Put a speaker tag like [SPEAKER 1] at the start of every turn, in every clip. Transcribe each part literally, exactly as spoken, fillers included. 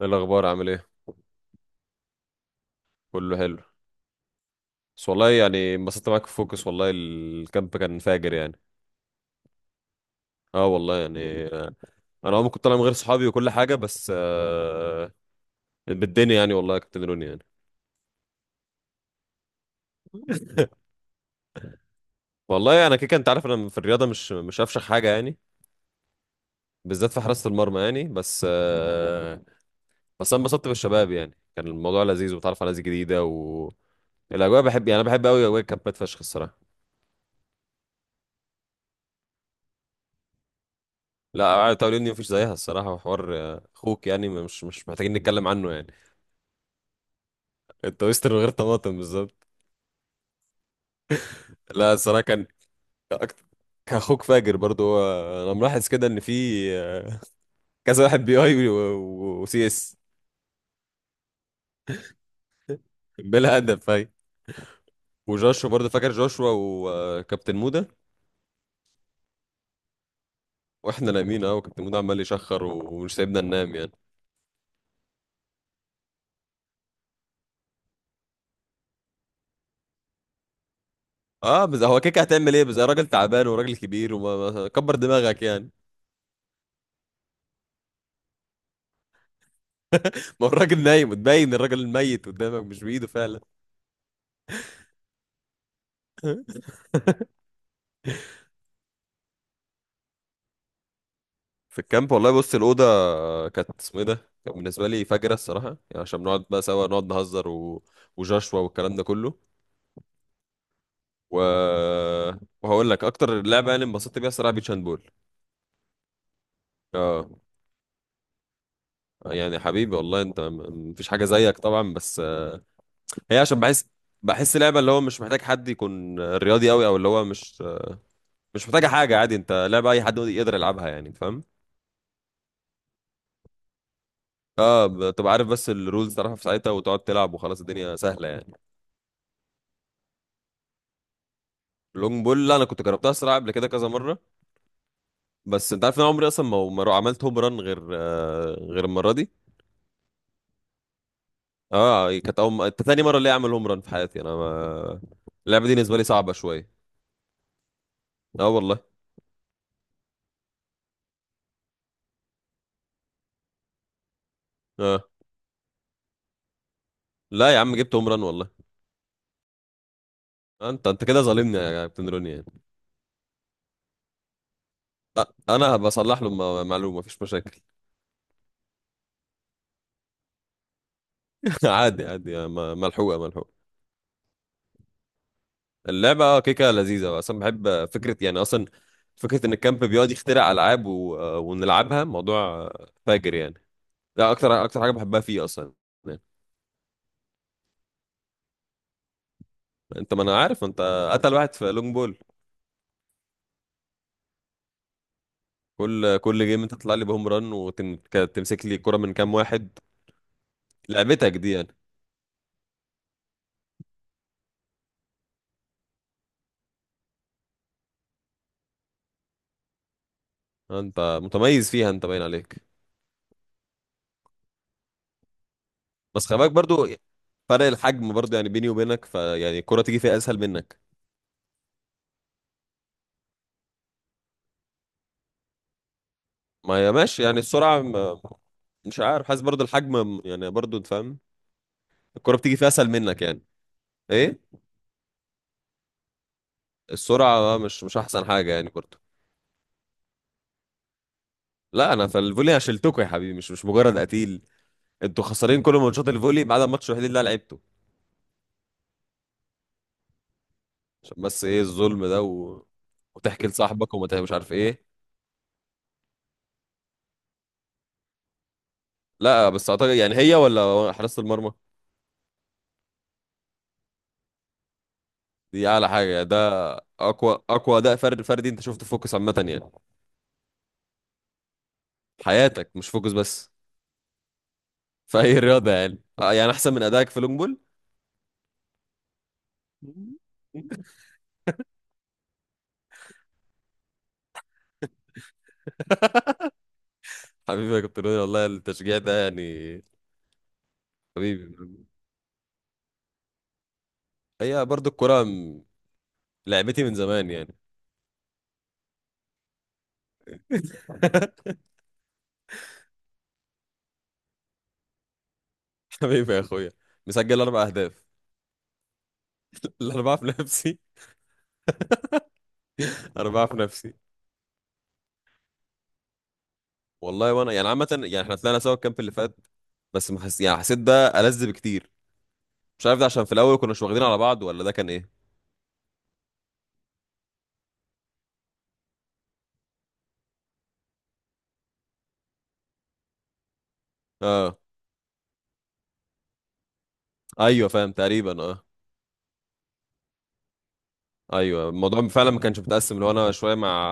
[SPEAKER 1] ايه الاخبار؟ عامل ايه؟ كله حلو. بس والله يعني انبسطت معاك في فوكس، والله الكامب كان فاجر يعني. اه والله يعني، آه، انا عمري كنت طالع من غير صحابي وكل حاجه، بس آه بالدنيا يعني، والله كنت دنوني يعني. والله انا كده كده انت عارف، انا في الرياضه مش مش افشخ حاجه يعني، بالذات في حراسه المرمى يعني، بس آه، بس انا انبسطت بالشباب، يعني كان الموضوع لذيذ وتعرف على ناس جديده، و الاجواء بحب، يعني انا بحب قوي اجواء الكامبات فشخ الصراحه. لا قعدة اليوم دي مفيش زيها الصراحه، وحوار آه، اخوك يعني مش مش محتاجين نتكلم عنه يعني. التويست من غير طماطم بالظبط. لا الصراحه كان اكتر، كاخوك فاجر برضو هو. انا ملاحظ كده ان في آه، كذا واحد بي اي وسي اس. بلا هدف هاي. وجوشوا برضو، فاكر جوشوا وكابتن مودا. واحنا نايمين، اه وكابتن مودا عمال يشخر ومش سايبنا ننام يعني. اه بس هو كيك، هتعمل ايه؟ بس راجل تعبان وراجل كبير، وما ما- كبر دماغك يعني. ما هو الراجل نايم، وتبين الراجل الميت قدامك مش بايده فعلا. في الكامب والله بص، الأوضة كانت اسمه ايه ده، كان بالنسبة لي فجرة الصراحة يعني، عشان بنقعد بقى سوا نقعد نهزر و... وجشوا والكلام ده كله، و... وهقول لك أكتر لعبة يعني انبسطت بيها الصراحة، بيتش هاند بول. اه يعني حبيبي والله أنت، م- مفيش حاجة زيك طبعا، بس آه، هي عشان بحس، بحس لعبة اللي هو مش محتاج حد يكون رياضي أوي، أو اللي هو مش مش محتاجة حاجة، عادي أنت لعبة أي حد يقدر يلعبها يعني، فاهم؟ اه بتبقى عارف، بس الرولز تعرفها في ساعتها، وتقعد تلعب وخلاص الدنيا سهلة يعني. لونج بول لا انا كنت جربتها الصراحه قبل كده كذا مره، بس انت عارف ان انا عمري اصلا ما ما رو- عملت هوم ران غير آه، غير المره دي. اه كانت اول م- تاني مره اللي اعمل هوم ران في حياتي، انا ما... اللعبه دي بالنسبه لي صعبه شويه. اه والله. اه لا يا عم، جبت هوم ران والله. آه، انت انت كده ظالمني يا كابتن روني يعني. انا بصلح له م- معلومه، مفيش مشاكل. عادي عادي، آه، م- ملحوقه ملحوقه. اللعبه اه كيكه لذيذه، اصلا بحب فكره يعني، اصلا فكره ان الكامب بيقعد يخترع العاب و... آه، ونلعبها، موضوع آه، فاجر يعني. ده اكتر اكتر حاجه بحبها فيه اصلا يعني. انت، ما انا عارف انت قتل واحد في لونج بول. كل كل جيم انت تطلع لي بهوم ران وتمسك لي الكره من كام واحد. لعبتك دي يعني. انت متميز فيها، انت باين عليك. بس خلي بالك برضو، فرق الحجم برضو يعني، بيني وبينك فيعني الكره تيجي فيها اسهل منك. ما هي ماشي يعني السرعه، ما- مش عارف، حاسس برضو الحجم يعني، برضو انت فاهم. الكره بتيجي فيها اسهل منك يعني. ايه. السرعه مش مش احسن حاجه يعني برضو. لا انا في الفولي أنا شلتكوا يا حبيبي، مش مش مجرد قتيل. انتوا خسرانين كل ماتشات الفولي ما عدا الماتش الوحيد اللي انا لعبته. عشان بس ايه الظلم ده، و... وتحكي لصاحبك وما تح- مش عارف ايه. لا بس اعتقد يعني هي ولا حراسة المرمى، دي اعلى حاجة يعني ده. اقوى اقوى اداء فرد فردي انت شفته في فوكس عامة يعني. حياتك مش فوكس بس. في اي رياضة يعني، آه، يعني احسن من ادائك في لونج بول. حبيبي يا كابتن روني، والله التشجيع ده يعني. حبيبي. هي برضو الكرة، م- لعبتي من زمان يعني. حبيبي يا اخويا، مسجل اربع اهداف. لا انا بعرف نفسي. انا بعرف نفسي. والله وانا يعني عامه يعني احنا طلعنا سوا الكامب اللي فات، بس ما حس... يعني حسيت ده ألذ بكتير. مش عارف ده عشان في الاول كنا مش واخدين على بعض، ولا ده كان ايه. اه. ايوه فاهم تقريبا اه. ايوه الموضوع فعلا ما كانش متقسم، لو انا شويه مع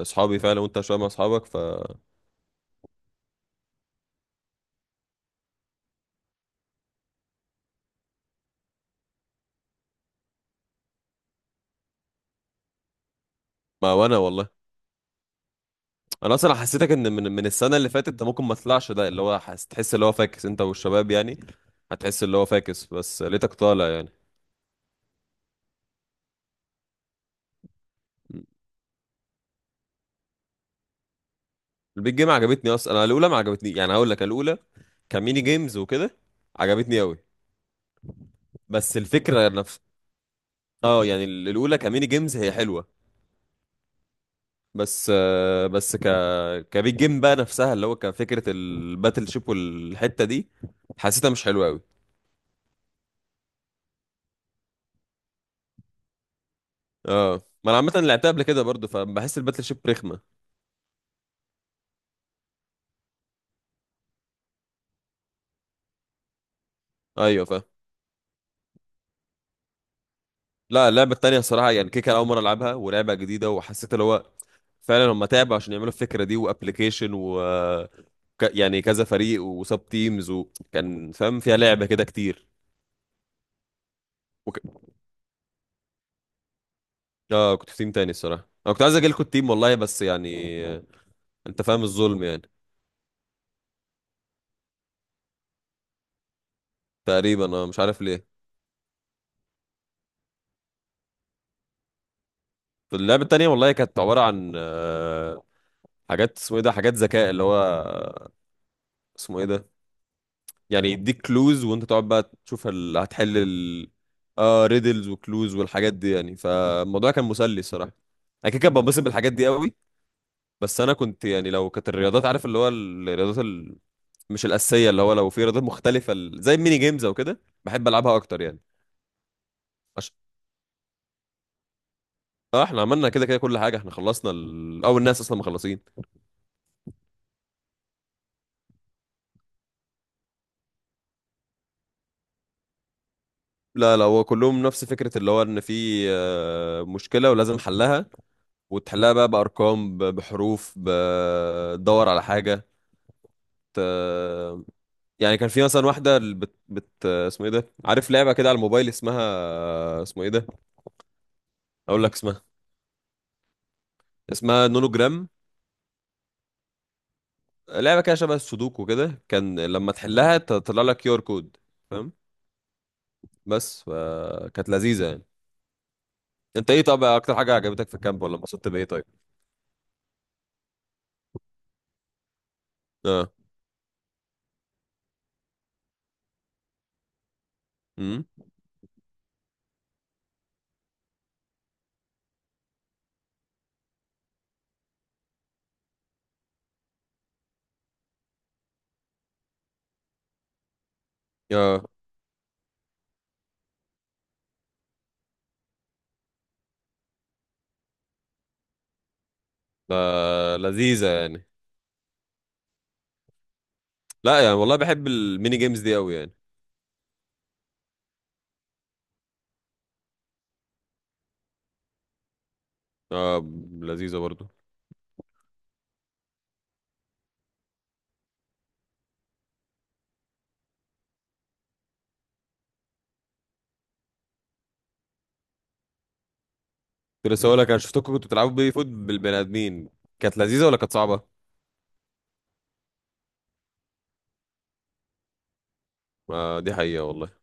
[SPEAKER 1] اصحابي فعلا، وانت شويه مع اصحابك ف، ما وانا والله، انا اصلا حسيتك ان من من السنه اللي فاتت ده ممكن ما طلعش، ده اللي هو حس... تحس اللي هو فاكس انت والشباب يعني، هتحس اللي هو فاكس، بس لقيتك طالع يعني. البيت جيم عجبتني اصلا، انا الاولى ما عجبتني يعني، هقول لك. أنا الاولى كميني جيمز وكده، عجبتني قوي، بس الفكره نفس. اه يعني، ال- الاولى كميني جيمز هي حلوه، بس آه، بس ك كبيت جيم بقى نفسها اللي هو كفكره الباتل شيب والحته دي، حسيتها مش حلوه قوي. اه ما انا عامه لعبتها قبل كده برضو، فبحس الباتل شيب رخمه. ايوه فاهم. لا اللعبه التانيه الصراحه يعني كيكه، اول مره العبها ولعبه جديده، وحسيت اللي هو فعلا هم تعبوا عشان يعملوا الفكره دي وابلكيشن، و ك- يعني كذا فريق وسب تيمز، وكان فاهم فيها لعبه كده كتير. وك... اه كنت في تيم تاني الصراحه، انا كنت عايز اجي لكم التيم والله، بس يعني آه، انت فاهم الظلم يعني. تقريبا انا مش عارف ليه. في اللعبه التانيه والله كانت عباره عن آه، حاجات، اسمه ايه ده، حاجات ذكاء اللي هو اسمه ايه ده، يعني يديك كلوز وانت تقعد بقى تشوف ال... هتحل ال... اه ريدلز وكلوز والحاجات دي يعني، فالموضوع كان مسلي الصراحه، انا كده كده بنبسط بالحاجات دي قوي. بس انا كنت يعني لو كانت الرياضات عارف اللي هو الرياضات ال... مش الاساسيه، اللي هو لو في رياضات مختلفه ال- زي الميني جيمز او كده بحب العبها اكتر يعني. عش... اه احنا عملنا كده كده كل حاجه، احنا خلصنا ال... او الناس اصلا مخلصين. لا لا هو كلهم نفس فكره، اللي هو ان في آه، مشكله ولازم حلها، وتحلها بقى بارقام ب... بحروف، بتدور على حاجه ت... يعني كان في مثلا واحده، ال- بت... بت... اسمه ايه ده، عارف لعبه كده على الموبايل اسمها، اسمه ايه ده، اقول لك اسمها، اسمها نونوجرام. لعبه كده شبه السودوكو كده، كان لما تحلها تطلع لك كيو ار كود، فاهم؟ بس فكانت لذيذه يعني. انت ايه؟ طب اكتر حاجه عجبتك في الكامب، ولا انبسطت بايه طيب؟ اه. امم. اه لا، لذيذه يعني. لا يعني والله بحب الميني جيمز دي قوي يعني. اه لذيذه برضو. كنت لسه هقول لك، انا شفتكم كنتوا بتلعبوا بيه فوت بالبني ادمين، كانت لذيذه ولا كانت صعبه؟ آه دي حقيقه والله.